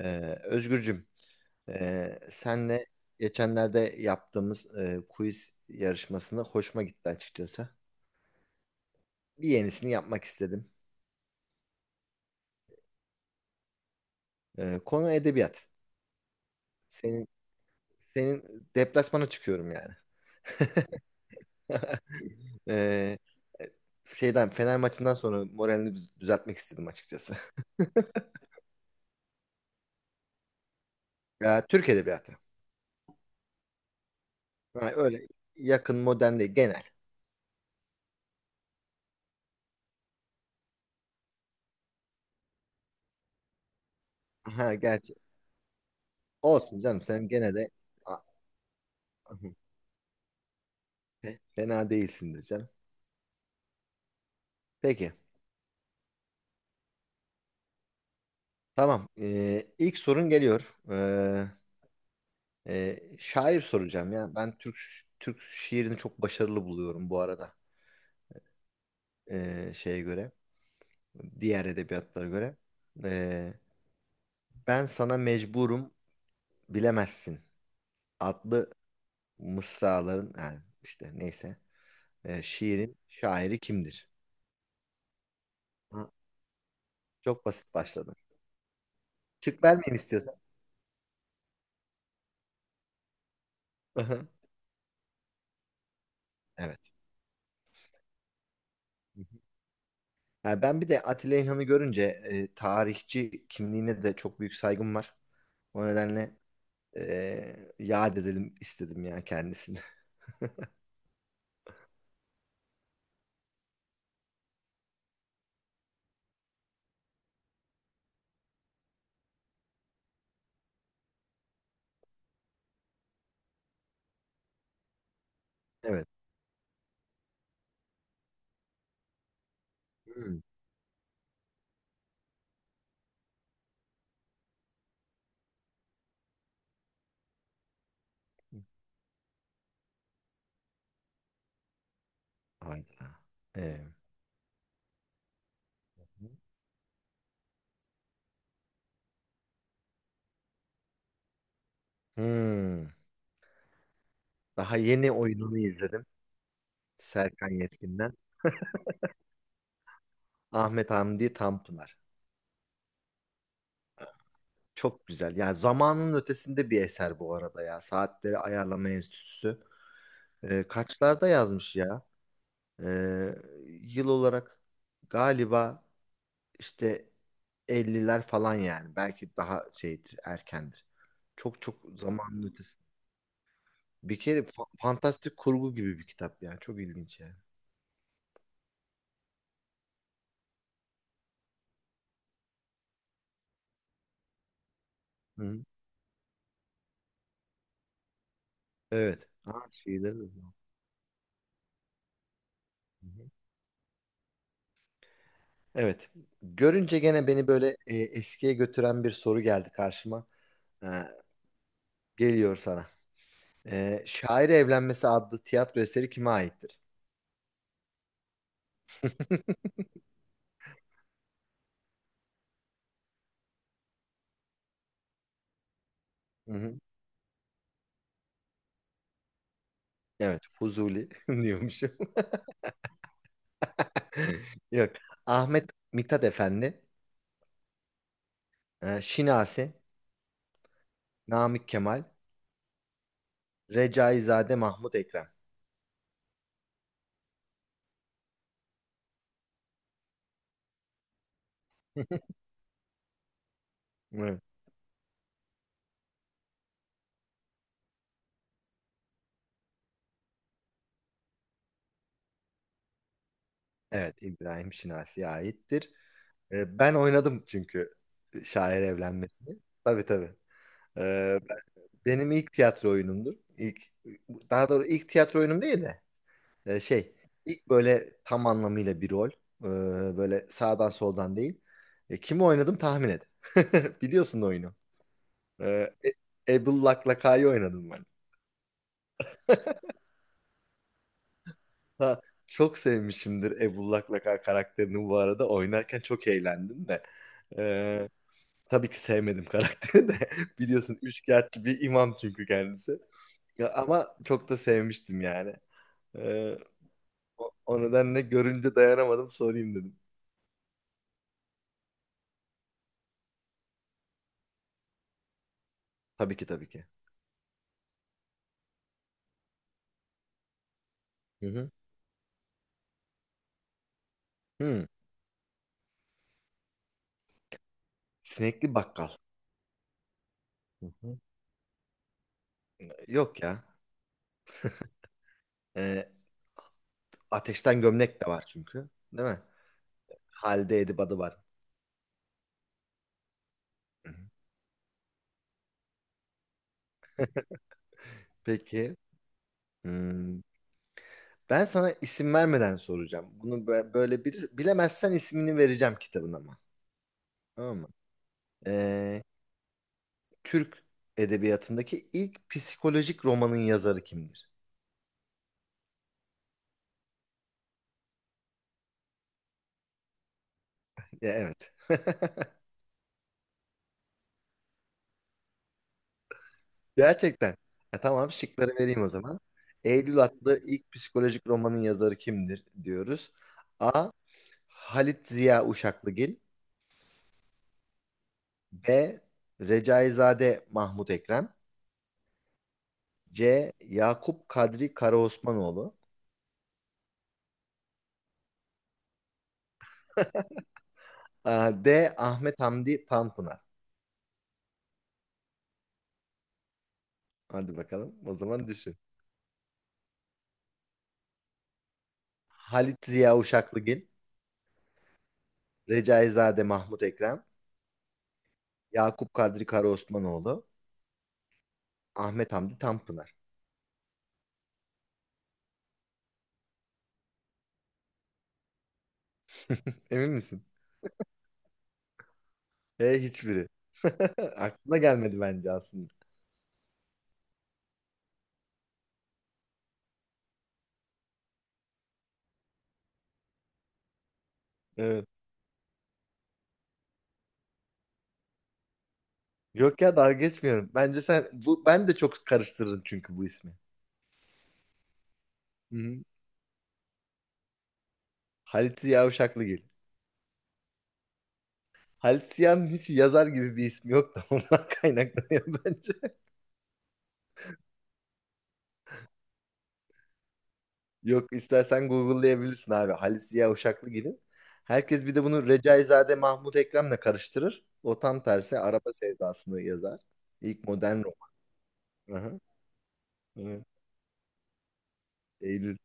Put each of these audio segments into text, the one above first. Özgürcüm, senle geçenlerde yaptığımız quiz yarışmasını hoşuma gitti açıkçası. Bir yenisini yapmak istedim. Konu edebiyat. Senin senin deplasmana çıkıyorum yani. Ee, Şeyden Fener maçından sonra moralini düzeltmek istedim açıkçası. Ya, Türk edebiyatı. Ha, öyle yakın modern değil, genel. Ha, gerçi olsun canım, sen gene de aa, fena değilsindir canım. Peki. Tamam. İlk sorun geliyor. Şair soracağım ya. Ben Türk şiirini çok başarılı buluyorum bu arada. Şeye göre, diğer edebiyatlara göre. Ee, Ben sana mecburum bilemezsin adlı mısraların, yani işte neyse, şiirin şairi kimdir? Ha, çok basit başladım. Şık vermeyeyim istiyorsan. Aha. Evet. Hı hı. Ha, ben bir de Atilla İlhan'ı görünce tarihçi kimliğine de çok büyük saygım var. O nedenle yad edelim istedim ya kendisini. Evet. Hmm. Hayda. Ee, hmm. Daha yeni oyununu izledim. Serkan Yetkin'den. Ahmet Hamdi Tanpınar. Çok güzel. Yani zamanın ötesinde bir eser bu arada ya. Saatleri Ayarlama Enstitüsü. Kaçlarda yazmış ya? Ee, Yıl olarak galiba İşte elliler falan yani. Belki daha şeydir, erkendir. Çok çok zamanın ötesi. Bir kere fantastik kurgu gibi bir kitap yani. Çok ilginç yani. Hı. Evet. Ha, şeyleri de var. Hı hı. Evet. Görünce gene beni böyle eskiye götüren bir soru geldi karşıma. Ee, Geliyor sana. Şair Evlenmesi adlı tiyatro eseri kime aittir? Hı hı. Evet, Fuzuli diyormuşum. Yok. Ahmet Mithat Efendi, Şinasi, Namık Kemal, Recaizade Mahmut Ekrem. Evet. Evet, İbrahim Şinasi'ye aittir. Ben oynadım çünkü şair evlenmesini. Tabii tabii. Ee, ben- Benim ilk tiyatro oyunumdur. İlk, daha doğru ilk tiyatro oyunum değil de e, şey ilk böyle tam anlamıyla bir rol. Böyle sağdan soldan değil. E, kimi oynadım tahmin et. Biliyorsun oyunu. Ebul Laklaka'yı oynadım. Ha, çok sevmişimdir Ebullak Laka karakterini bu arada. Oynarken çok eğlendim de. Ee, tabii ki sevmedim karakteri de. Biliyorsun üçkağıtçı bir imam çünkü kendisi. Ya, ama çok da sevmiştim yani. Ee, O nedenle görünce dayanamadım sorayım dedim. Tabii ki tabii ki. Hı hı. Hı. Sinekli bakkal. Hı hı. Yok ya. Ee, Ateşten gömlek de var çünkü. Değil mi? Halde Edip adı var. Hı hı. Peki. Hmm. Ben sana isim vermeden soracağım. Bunu böyle bir bilemezsen ismini vereceğim kitabın ama. Tamam mı? Ee, Türk edebiyatındaki ilk psikolojik romanın yazarı kimdir? Ya, evet. Gerçekten. Ya, tamam, şıkları vereyim o zaman. Eylül adlı ilk psikolojik romanın yazarı kimdir diyoruz. A. Halit Ziya Uşaklıgil. B. Recaizade Mahmut Ekrem. C. Yakup Kadri Karaosmanoğlu. Aa, D. Ahmet Hamdi Tanpınar. Hadi bakalım. O zaman düşün. Halit Ziya Uşaklıgil, Recaizade Mahmut Ekrem, Yakup Kadri Karaosmanoğlu, Ahmet Hamdi Tanpınar. Emin misin? E, hiçbiri. Aklına gelmedi bence aslında. Evet. Yok ya, dalga geçmiyorum. Bence sen bu, ben de çok karıştırırım çünkü bu ismi. Hı-hı. Halit Ziya Uşaklıgil. Halit Ziya'nın hiç yazar gibi bir ismi yok da ondan kaynaklanıyor bence. Yok, istersen Google'layabilirsin abi. Halis Ziya Uşaklı gidin. Herkes bir de bunu Recaizade Mahmut Ekrem'le karıştırır. O tam tersi araba sevdasını yazar. İlk modern rock. Aha, evet. Eylül.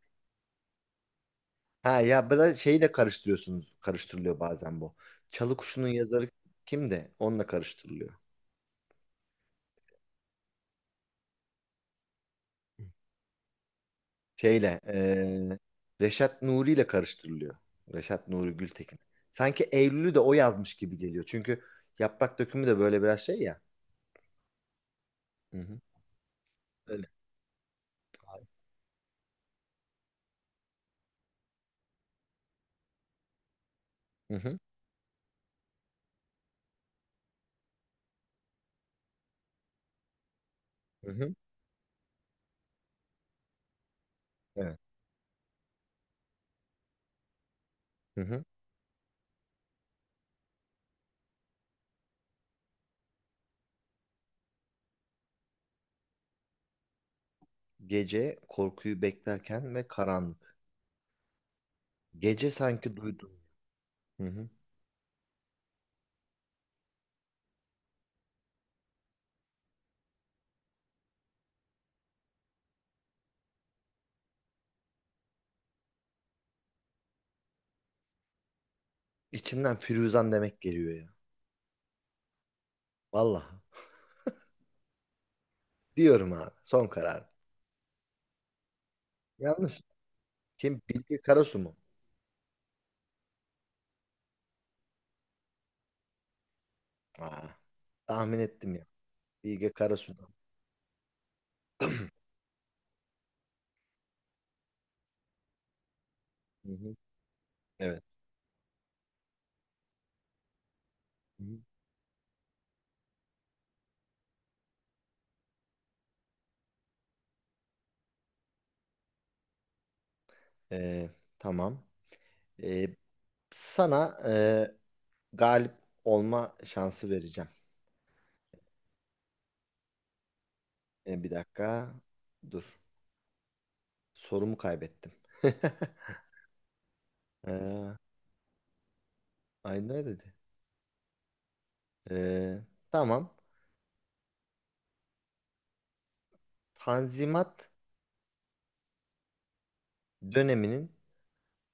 Ha ya, bir de şeyle karıştırıyorsunuz. Karıştırılıyor bazen bu. Çalı Kuşu'nun yazarı kim de onunla karıştırılıyor. Şeyle Reşat Nuri ile karıştırılıyor. Reşat Nuri Gültekin. Sanki Eylül'ü de o yazmış gibi geliyor. Çünkü Yaprak Dökümü de böyle biraz şey ya. Hı hı. Öyle. Hı hı. Hı hı. Evet. Hı hı. Gece korkuyu beklerken ve karanlık. Gece sanki duydum. Hı hı. İçimden Firuzan demek geliyor ya. Vallahi. Diyorum abi. Son karar. Yanlış. Kim? Bilge Karasu mu? Aa, tahmin ettim ya. Bilge Karasu'dan. Hı hı. Evet. Hı hı. Ee, tamam. Ee, Sana galip olma şansı vereceğim. Bir dakika. Dur. Sorumu kaybettim. Ee, Ay, ne dedi? Ee, tamam. Tanzimat döneminin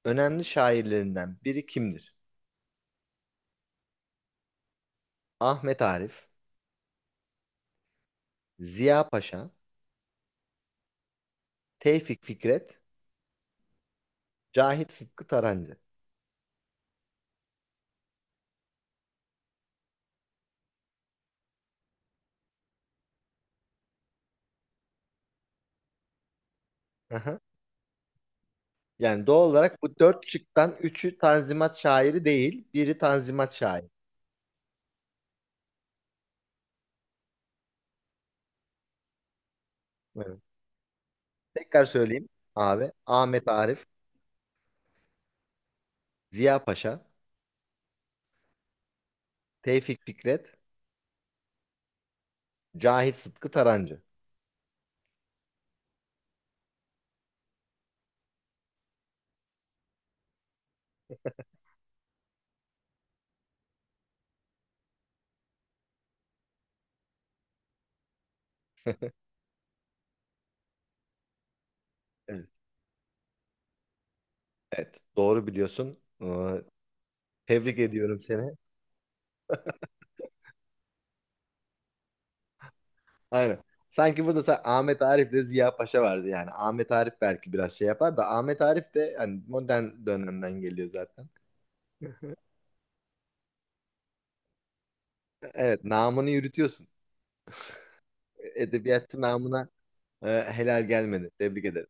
önemli şairlerinden biri kimdir? Ahmet Arif, Ziya Paşa, Tevfik Fikret, Cahit Sıtkı Tarancı. Aha. Yani doğal olarak bu dört şıktan üçü Tanzimat şairi değil, biri Tanzimat şairi. Evet. Tekrar söyleyeyim abi. Ahmet Arif, Ziya Paşa, Tevfik Fikret, Cahit Sıtkı Tarancı. Evet. Evet, doğru biliyorsun. Tebrik ediyorum seni. Aynen. Sanki burada Ahmet Arif de Ziya Paşa vardı yani. Ahmet Arif belki biraz şey yapar da Ahmet Arif de hani modern dönemden geliyor zaten. Evet, namını yürütüyorsun. Edebiyatçı namına helal gelmedi. Tebrik ederim.